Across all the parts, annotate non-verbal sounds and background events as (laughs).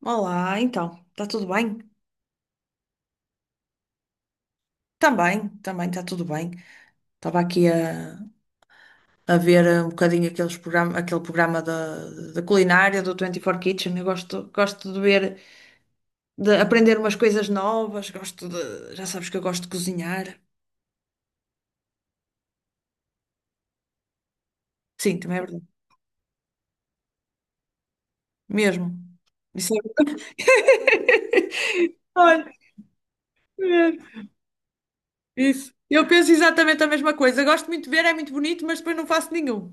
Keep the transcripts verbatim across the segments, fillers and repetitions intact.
Olá, então, está tudo bem? Também, também está tudo bem. Estava aqui a, a ver eh, um bocadinho aqueles programa, aquele programa da, da culinária do vinte e quatro Kitchen. Eu gosto, gosto de ver, de aprender umas coisas novas, gosto de, já sabes que eu gosto de cozinhar. Sim, também é verdade. Mesmo. Isso é verdade. (laughs) Olha, mesmo. Isso. Eu penso exatamente a mesma coisa. Gosto muito de ver, é muito bonito, mas depois não faço nenhum.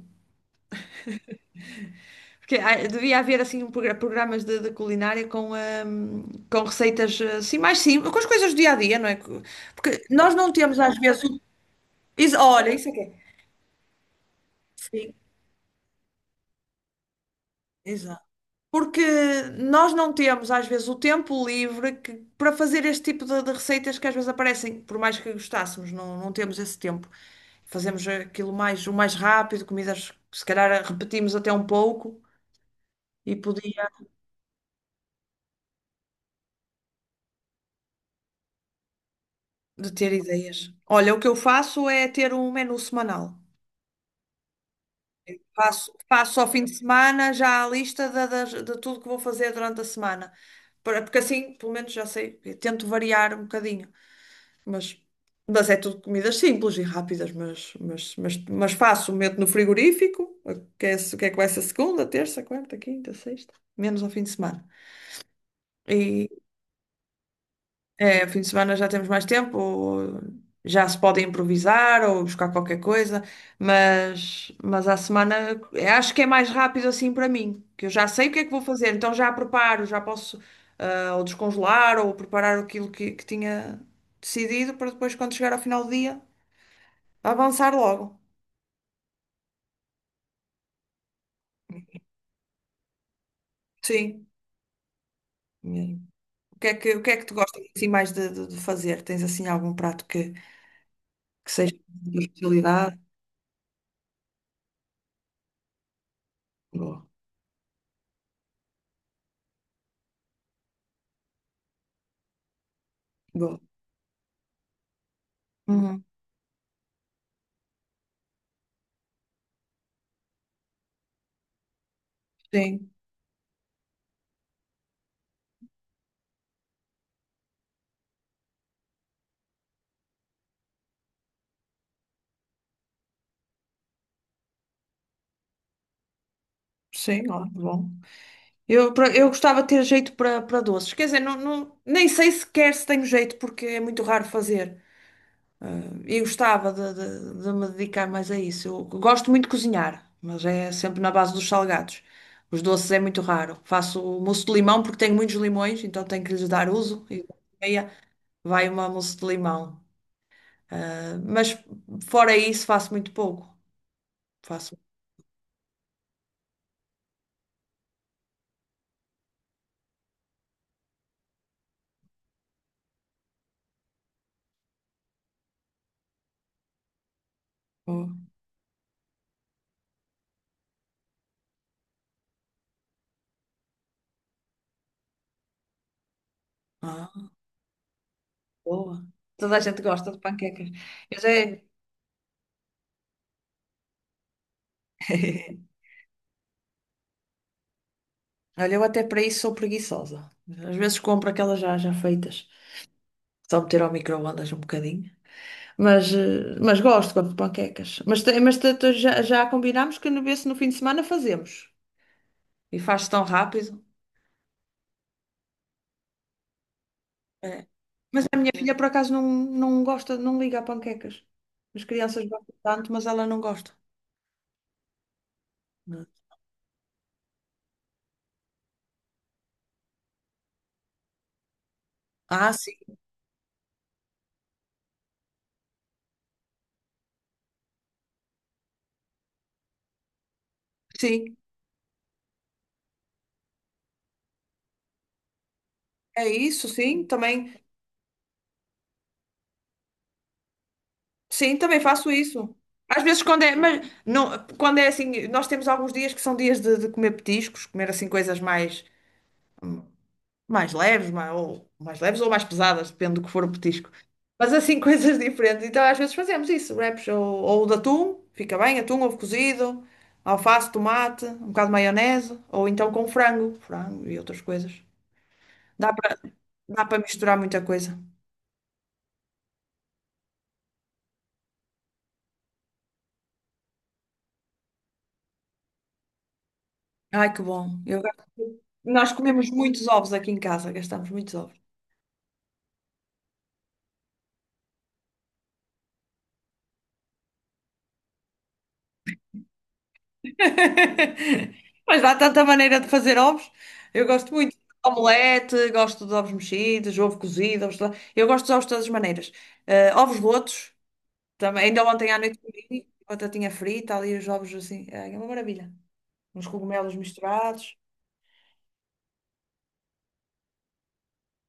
Porque ah, devia haver assim um progra- programas de, de culinária com, ahm, com receitas eh, assim mais simples, com as coisas do dia a dia, não é? Porque nós não temos às vezes. o- Is- Olha, isso é que é. Sim, exato. Porque nós não temos às vezes o tempo livre que- para fazer este tipo de, de receitas que às vezes aparecem, por mais que gostássemos, não, não temos esse tempo. Fazemos aquilo mais, o mais rápido, comidas que se calhar repetimos até um pouco e podia de ter ideias. Olha, o que eu faço é ter um menu semanal. Faço, faço ao fim de semana já a lista da- das- de, tudo que vou fazer durante a semana. Para- Porque assim, pelo menos já sei, eu tento variar um bocadinho. Mas, mas é tudo comidas simples e rápidas, mas, mas, mas, mas faço, meto no frigorífico, que é, que é com essa segunda, terça, quarta, quinta, sexta, menos ao fim de semana. É, fim de semana já temos mais tempo, ou já se pode improvisar ou buscar qualquer coisa, mas, mas à semana eh, acho que é mais rápido assim para mim, que eu já sei o que é que vou fazer, então já preparo, já posso ah, ou descongelar ou preparar aquilo que, que tinha decidido para depois, quando chegar ao final do dia, avançar logo. Sim. E o que é que, o que é que tu gostas assim, mais de, de- de fazer? Tens assim algum prato que, que seja de especialidade? Boa. Boa. Uhum. Sim, sim, ó, bom. Eu, pra- eu gostava de ter jeito para para doces. Quer dizer, não, não- nem sei sequer se tenho jeito, porque é muito raro fazer. Ah, e gostava de, de- de me dedicar mais a isso. Eu gosto muito de cozinhar, mas é sempre na base dos salgados. Os doces é muito raro. Faço mousse de limão porque tenho muitos limões, então tenho que lhes dar uso. E meia vai uma mousse de limão. Ah, mas fora isso, faço muito pouco. Faço. Oh, ah, boa. Toda a gente gosta de panquecas. Eu já. (laughs) Olha, eu até para isso sou preguiçosa. Às vezes compro aquelas já, já feitas. Só meter ao micro-ondas um bocadinho. Mas, eh, mas gosto, gosto de panquecas. Mas, te- mas te- te- já, já combinámos que no, vê se no fim de semana fazemos. E faz-se tão rápido. É. A minha filha, por acaso, não, não gosta, não liga a panquecas. As crianças gostam tanto, mas ela não gosta. Ah, sim, sim. É isso, sim. Também. Sim, também faço isso. Às vezes quando é, mas não, quando é assim, nós temos alguns dias que são dias de, de comer petiscos, comer assim coisas mais mais leves, mais, ou mais leves ou mais pesadas, depende do que for o petisco. Mas assim (laughs) coisas diferentes. Então às vezes fazemos isso, wraps ou, ou de atum, fica bem, atum, ovo cozido, alface, tomate, um bocado de maionese, ou então com frango, frango e outras coisas. Dá para dá para misturar muita coisa. Ai, que bom. Eu, gosto- nós comemos muitos ovos aqui em casa, gastamos muitos ovos. (laughs) Mas há tanta maneira de fazer ovos. Eu gosto muito de omelete, gosto de ovos mexidos, ovo cozido, ovos... eu gosto dos ovos de todas as maneiras. Eh, ovos rotos, também. Ainda ontem à noite comi, batatinha frita, ali os ovos assim, ai, é uma maravilha. Uns cogumelos misturados.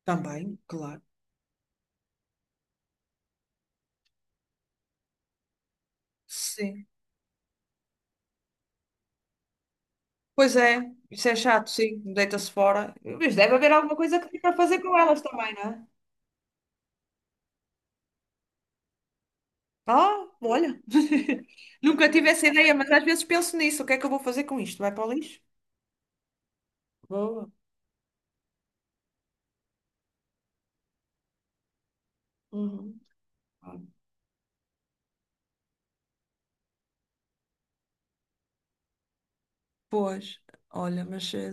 Também, claro. Sim. Pois é, isso é chato, sim, deita-se fora. Mas deve haver alguma coisa que dê para fazer com elas também, não é? Ah, olha. (laughs) Nunca tive essa ideia, mas às vezes penso nisso. O que é que eu vou fazer com isto? Vai para o lixo? Boa. Uhum. Ah, pois, olha, mas eh,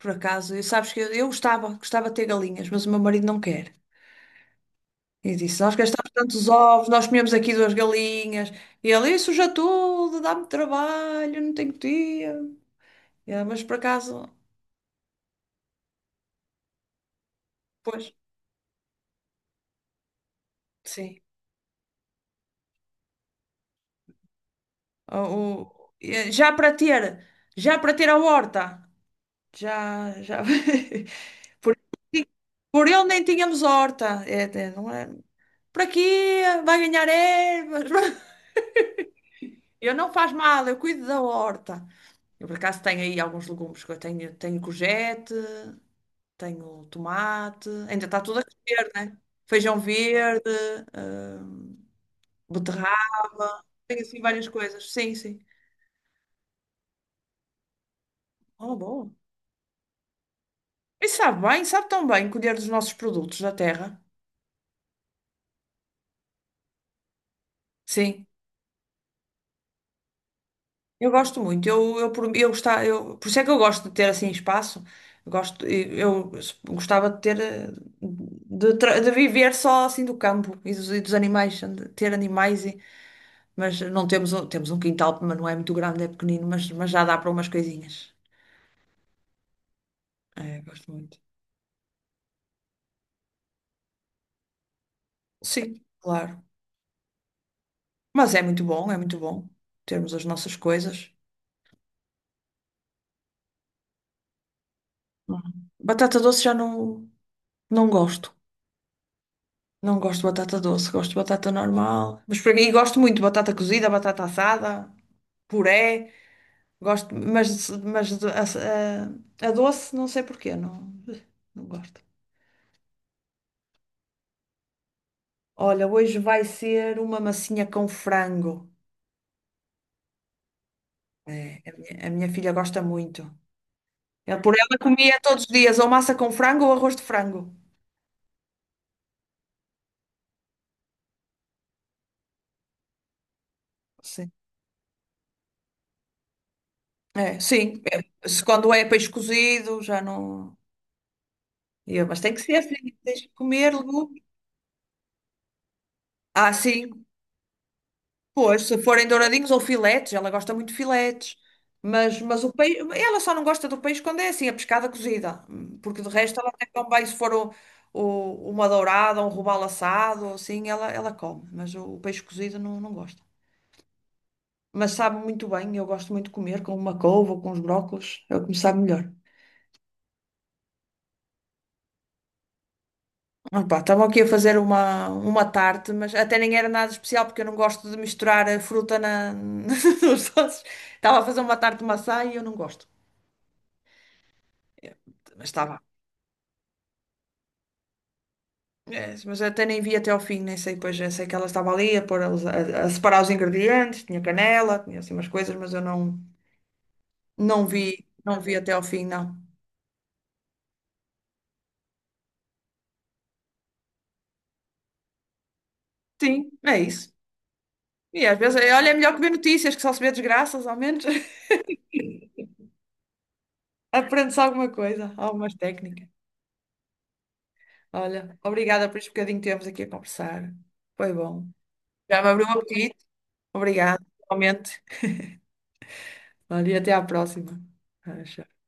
por acaso, eu- sabes que eu, eu gostava, gostava de ter galinhas, mas o meu marido não quer. E disse: Nós gastamos tantos ovos, nós comemos aqui duas galinhas. E ele, isso já tudo, dá-me trabalho, não tenho tempo. É, mas por acaso, pois, sim. O, o- eh, já para ter, já para ter a horta. Já, já. (laughs) Por, por ele nem tínhamos horta. É, é, não é? Por aqui vai ganhar ervas. (laughs) Eu não faz mal, eu cuido da horta. Eu por acaso tenho aí alguns legumes que eu tenho, tenho courgette, tenho tomate, ainda está tudo a crescer, né? Feijão verde, eh, beterraba, tenho assim várias coisas. Sim, sim. Oh, bom. E sabe bem, sabe tão bem colher dos nossos produtos da terra. Sim. Eu gosto muito, eu, eu, por- eu, gostava, eu, por isso é que eu gosto de ter assim espaço. Eu gosto, eu eu gostava de ter, eh, de, tra- de viver só assim do campo e dos, e dos animais, de ter animais, e- mas não temos, um- temos um quintal, mas não é muito grande, é pequenino, mas, mas já dá para umas coisinhas. É, gosto muito. Sim, claro. Mas é muito bom, é muito bom termos as nossas coisas. Hum. Batata doce já não, não gosto. Não gosto de batata doce, gosto de batata normal. Mas por aqui gosto muito de batata cozida, batata assada, puré. Gosto, mas, mas de- a, a- a doce, não sei porquê, não, não gosto. Olha, hoje vai ser uma massinha com frango. É, a minha, a minha filha gosta muito. Ela, por ela comia todos os dias ou massa com frango ou arroz de frango. Sim. É, sim. É, se quando é peixe cozido, já não. E eu, mas tem que ser assim, tens de comer legumes. Ah, sim, pois, se forem douradinhos ou filetes, ela gosta muito de filetes. Mas, mas o peixe, ela só não gosta do peixe quando é assim, a pescada cozida. Porque de resto ela até come bem se for o, o- uma dourada, um robalo assado, ou assim, ela, ela come. Mas o, o peixe cozido não, não gosta. Mas sabe muito bem, eu gosto muito de comer com uma couve ou com os brócolos, é o que me sabe melhor. Opa, estavam aqui a fazer uma, uma tarte, mas até nem era nada especial, porque eu não gosto de misturar a fruta na, (laughs) nos doces. Estava a fazer uma tarte de maçã e eu não gosto. Mas estava é, mas eu até nem vi até ao fim, nem sei, pois eu sei que ela estava ali a, pôr, os- a, a separar os ingredientes, tinha canela, tinha assim umas coisas, mas eu não, não vi, não vi até ao fim, não. Sim, é isso. E às vezes, eh, olha, é melhor que ver notícias, que só se vê desgraças, ao menos (laughs) aprende-se alguma coisa, algumas técnicas. Olha, obrigada por este bocadinho que tivemos aqui a conversar. Foi bom. Já me abriu um apetite. Obrigada, realmente. Olha, e até à próxima. Ah, tchau.